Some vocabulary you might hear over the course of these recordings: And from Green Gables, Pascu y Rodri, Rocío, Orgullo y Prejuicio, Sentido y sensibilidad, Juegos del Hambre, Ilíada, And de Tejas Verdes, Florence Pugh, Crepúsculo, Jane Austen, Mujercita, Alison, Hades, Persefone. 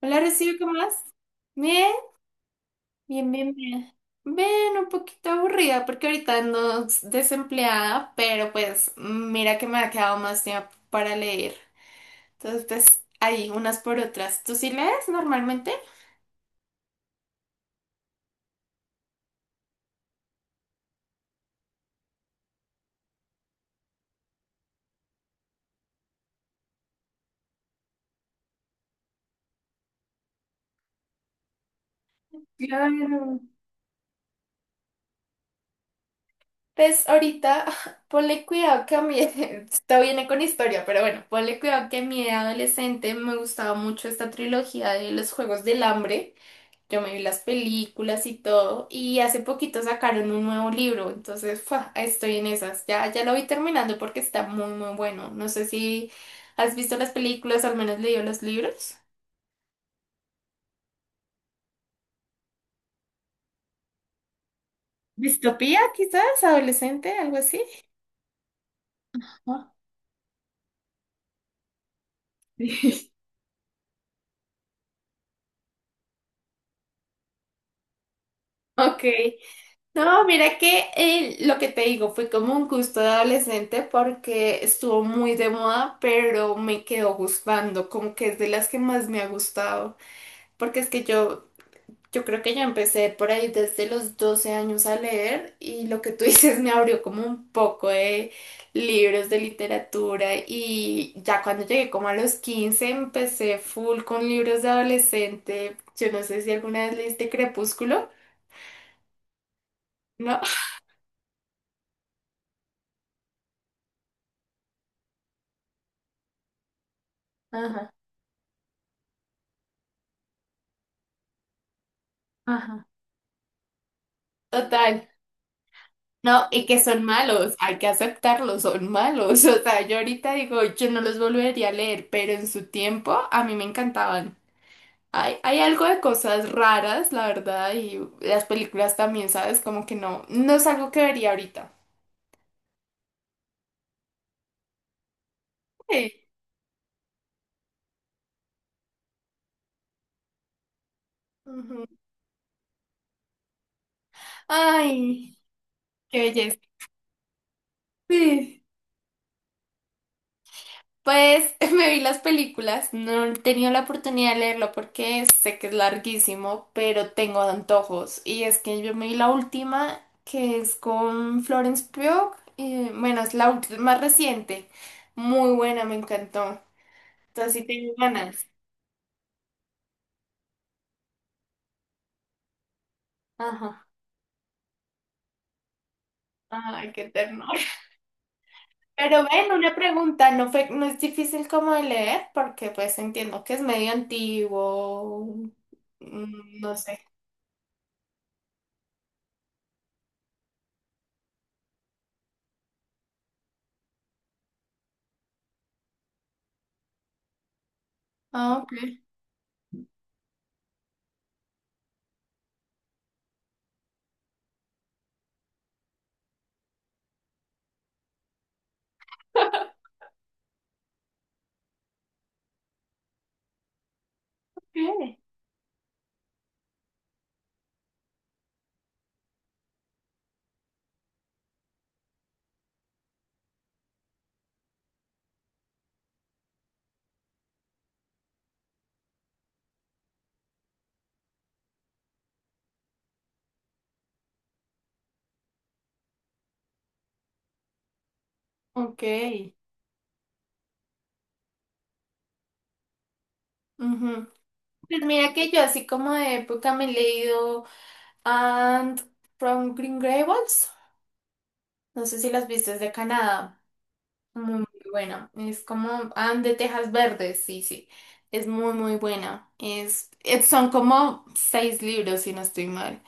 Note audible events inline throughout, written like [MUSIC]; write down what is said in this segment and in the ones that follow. Hola, Rocío, ¿cómo vas? Bien, bien, bien, bien. Bien, un poquito aburrida porque ahorita ando desempleada, pero pues mira que me ha quedado más tiempo para leer. Entonces, pues ahí, unas por otras. ¿Tú sí lees normalmente? Claro. Pues ahorita, [LAUGHS] ponle cuidado que a mí, [LAUGHS] esto viene con historia, pero bueno, ponle cuidado que a mí de adolescente me gustaba mucho esta trilogía de los Juegos del Hambre. Yo me vi las películas y todo, y hace poquito sacaron un nuevo libro, entonces ¡fua! Estoy en esas. Ya, ya lo vi terminando porque está muy, muy bueno. No sé si has visto las películas, al menos leído los libros. ¿Distopía, quizás? ¿Adolescente? ¿Algo así? Ah, sí. [LAUGHS] Ok, no, mira que lo que te digo fue como un gusto de adolescente porque estuvo muy de moda, pero me quedó gustando, como que es de las que más me ha gustado, porque es que yo creo que ya empecé por ahí desde los 12 años a leer y lo que tú [LAUGHS] dices me abrió como un poco de libros de literatura y ya cuando llegué como a los 15 empecé full con libros de adolescente. Yo no sé si alguna vez leíste Crepúsculo, ¿no? Ajá, ajá. Total. No, y que son malos, hay que aceptarlos, son malos. [LAUGHS] O sea, yo ahorita digo, yo no los volvería a leer, pero en su tiempo a mí me encantaban. Hay algo de cosas raras, la verdad, y las películas también, ¿sabes? Como que no, no es algo que vería ahorita. Sí. Ujú. Ay, qué belleza. Sí. Pues [LAUGHS] me vi las películas, no he tenido la oportunidad de leerlo porque sé que es larguísimo, pero tengo antojos. Y es que yo me vi la última, que es con Florence Pugh, y, bueno, es más reciente. Muy buena, me encantó. Entonces sí tengo ganas. Ajá. Ay, qué ternura. Pero ven, una pregunta, no fue, no es difícil como de leer, porque pues entiendo que es medio antiguo, mm, no sé. Ah, Ok. Ok. Ujú. Pues mira que yo así como de época me he leído And from Green Gables, no sé si las viste, es de Canadá, muy, muy buena, es como And de Tejas Verdes, sí, sí, es muy, muy buena, son como seis libros si no estoy mal.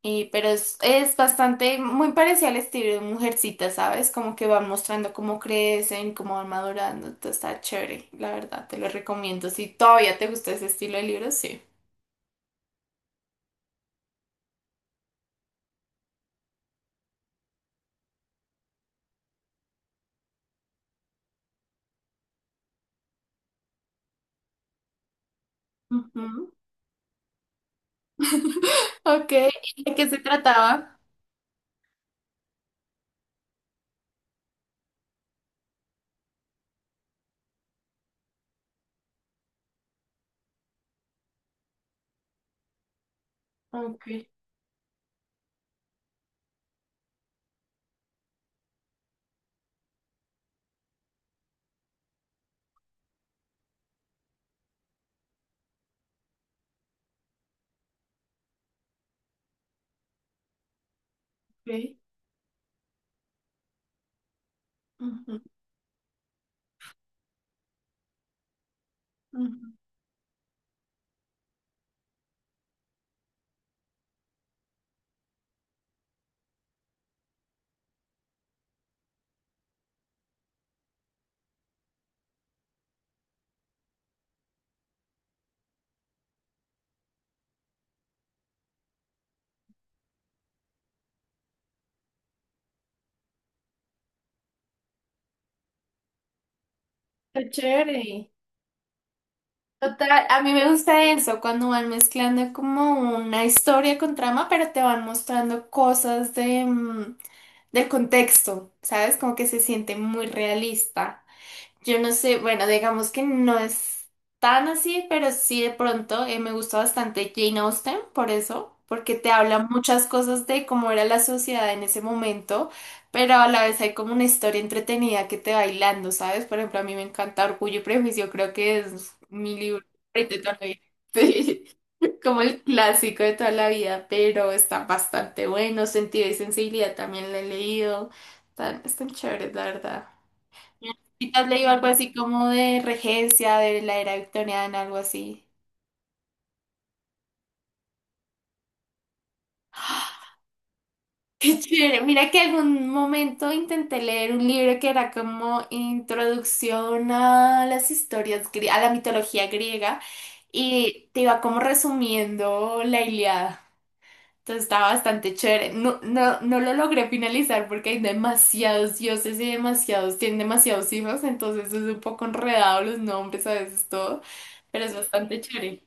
Y, pero es bastante, muy parecido al estilo de Mujercita, ¿sabes? Como que van mostrando cómo crecen, cómo van madurando. Entonces está chévere, la verdad, te lo recomiendo. Si todavía te gusta ese estilo de libros, sí. Ujú. [LAUGHS] Ok, ¿de qué se trataba? Ok, ok. Ujú, ujú. Está chévere. Total, a mí me gusta eso, cuando van mezclando como una historia con trama, pero te van mostrando cosas de... mm, del contexto, ¿sabes? Como que se siente muy realista. Yo no sé, bueno, digamos que no es tan así, pero sí de pronto me gusta bastante Jane Austen por eso, porque te habla muchas cosas de cómo era la sociedad en ese momento, pero a la vez hay como una historia entretenida que te va hilando, ¿sabes? Por ejemplo, a mí me encanta Orgullo y Prejuicio, creo que es mi libro favorito también. [LAUGHS] Sí, como el clásico de toda la vida, pero está bastante bueno. Sentido y sensibilidad también lo he leído. Están chéveres, la verdad. ¿Y te has leído algo así como de regencia, de la era victoriana, algo así? [LAUGHS] Qué chévere. Mira que algún momento intenté leer un libro que era como introducción a las historias, a la mitología griega, y te iba como resumiendo la Ilíada. Entonces está bastante chévere. No, no, no lo logré finalizar porque hay demasiados dioses y demasiados, tienen demasiados hijos, entonces es un poco enredado los nombres a veces todo, pero es bastante chévere.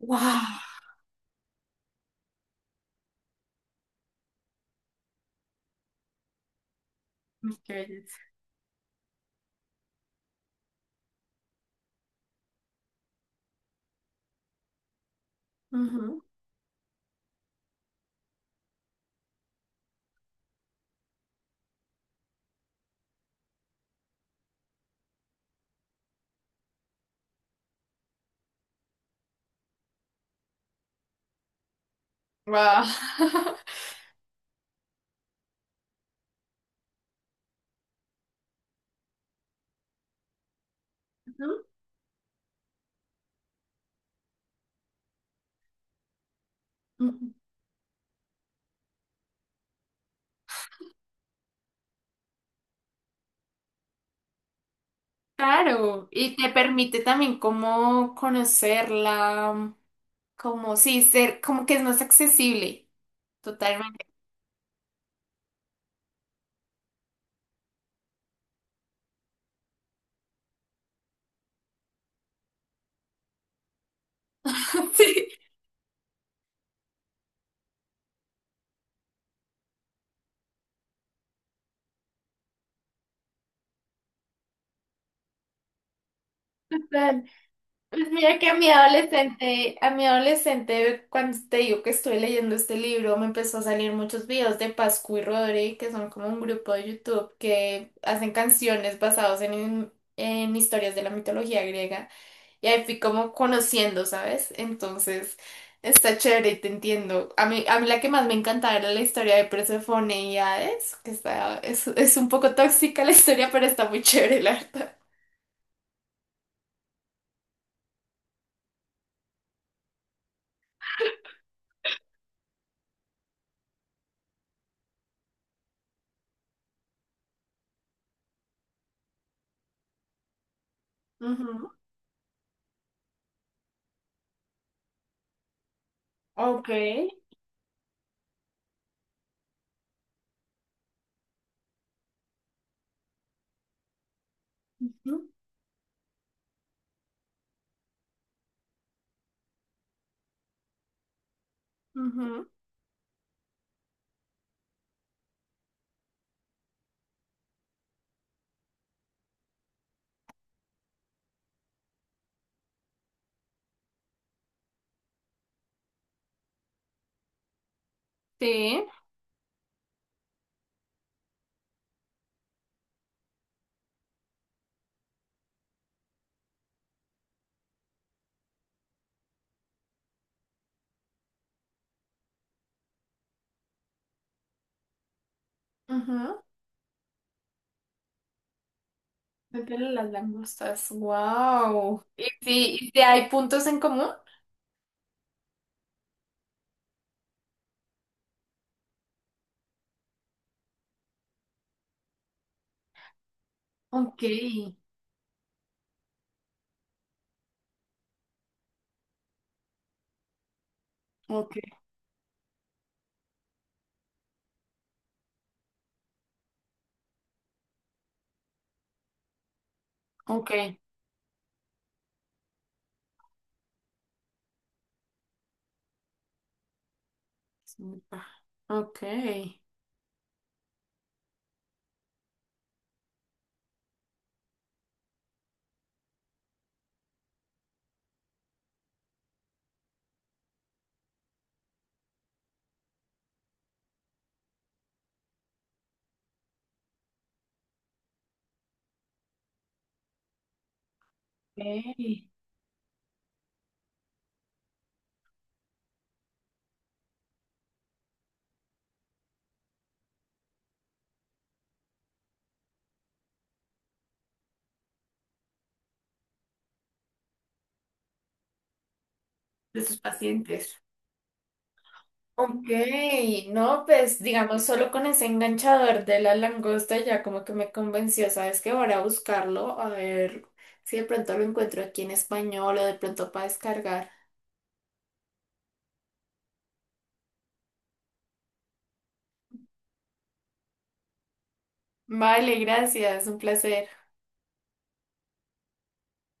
¡Wow! ¡Qué belleza! ¡Wow! [LAUGHS] Claro, y te permite también como conocerla, como sí, ser, como que es más accesible. Totalmente. [LAUGHS] Sí, total. Pues mira que a mi adolescente, cuando te digo que estoy leyendo este libro, me empezó a salir muchos videos de Pascu y Rodri, que son como un grupo de YouTube que hacen canciones basadas en historias de la mitología griega. Y ahí fui como conociendo, ¿sabes? Entonces, está chévere y te entiendo. A mí la que más me encantaba era la historia de Persefone y Hades, que está, es un poco tóxica la historia, pero está muy chévere, la verdad. Ujú. Ok. Ujú, ujú. Sí, ajá, meterle las langostas, wow. Y si hay puntos en común? Ok, ok, ok. Súper, Ok, ok. De sus pacientes. Ok, no, pues digamos, solo con ese enganchador de la langosta ya como que me convenció, ¿sabes qué? Voy a buscarlo, a ver si de pronto lo encuentro aquí en español o de pronto para descargar. Vale, gracias, un placer.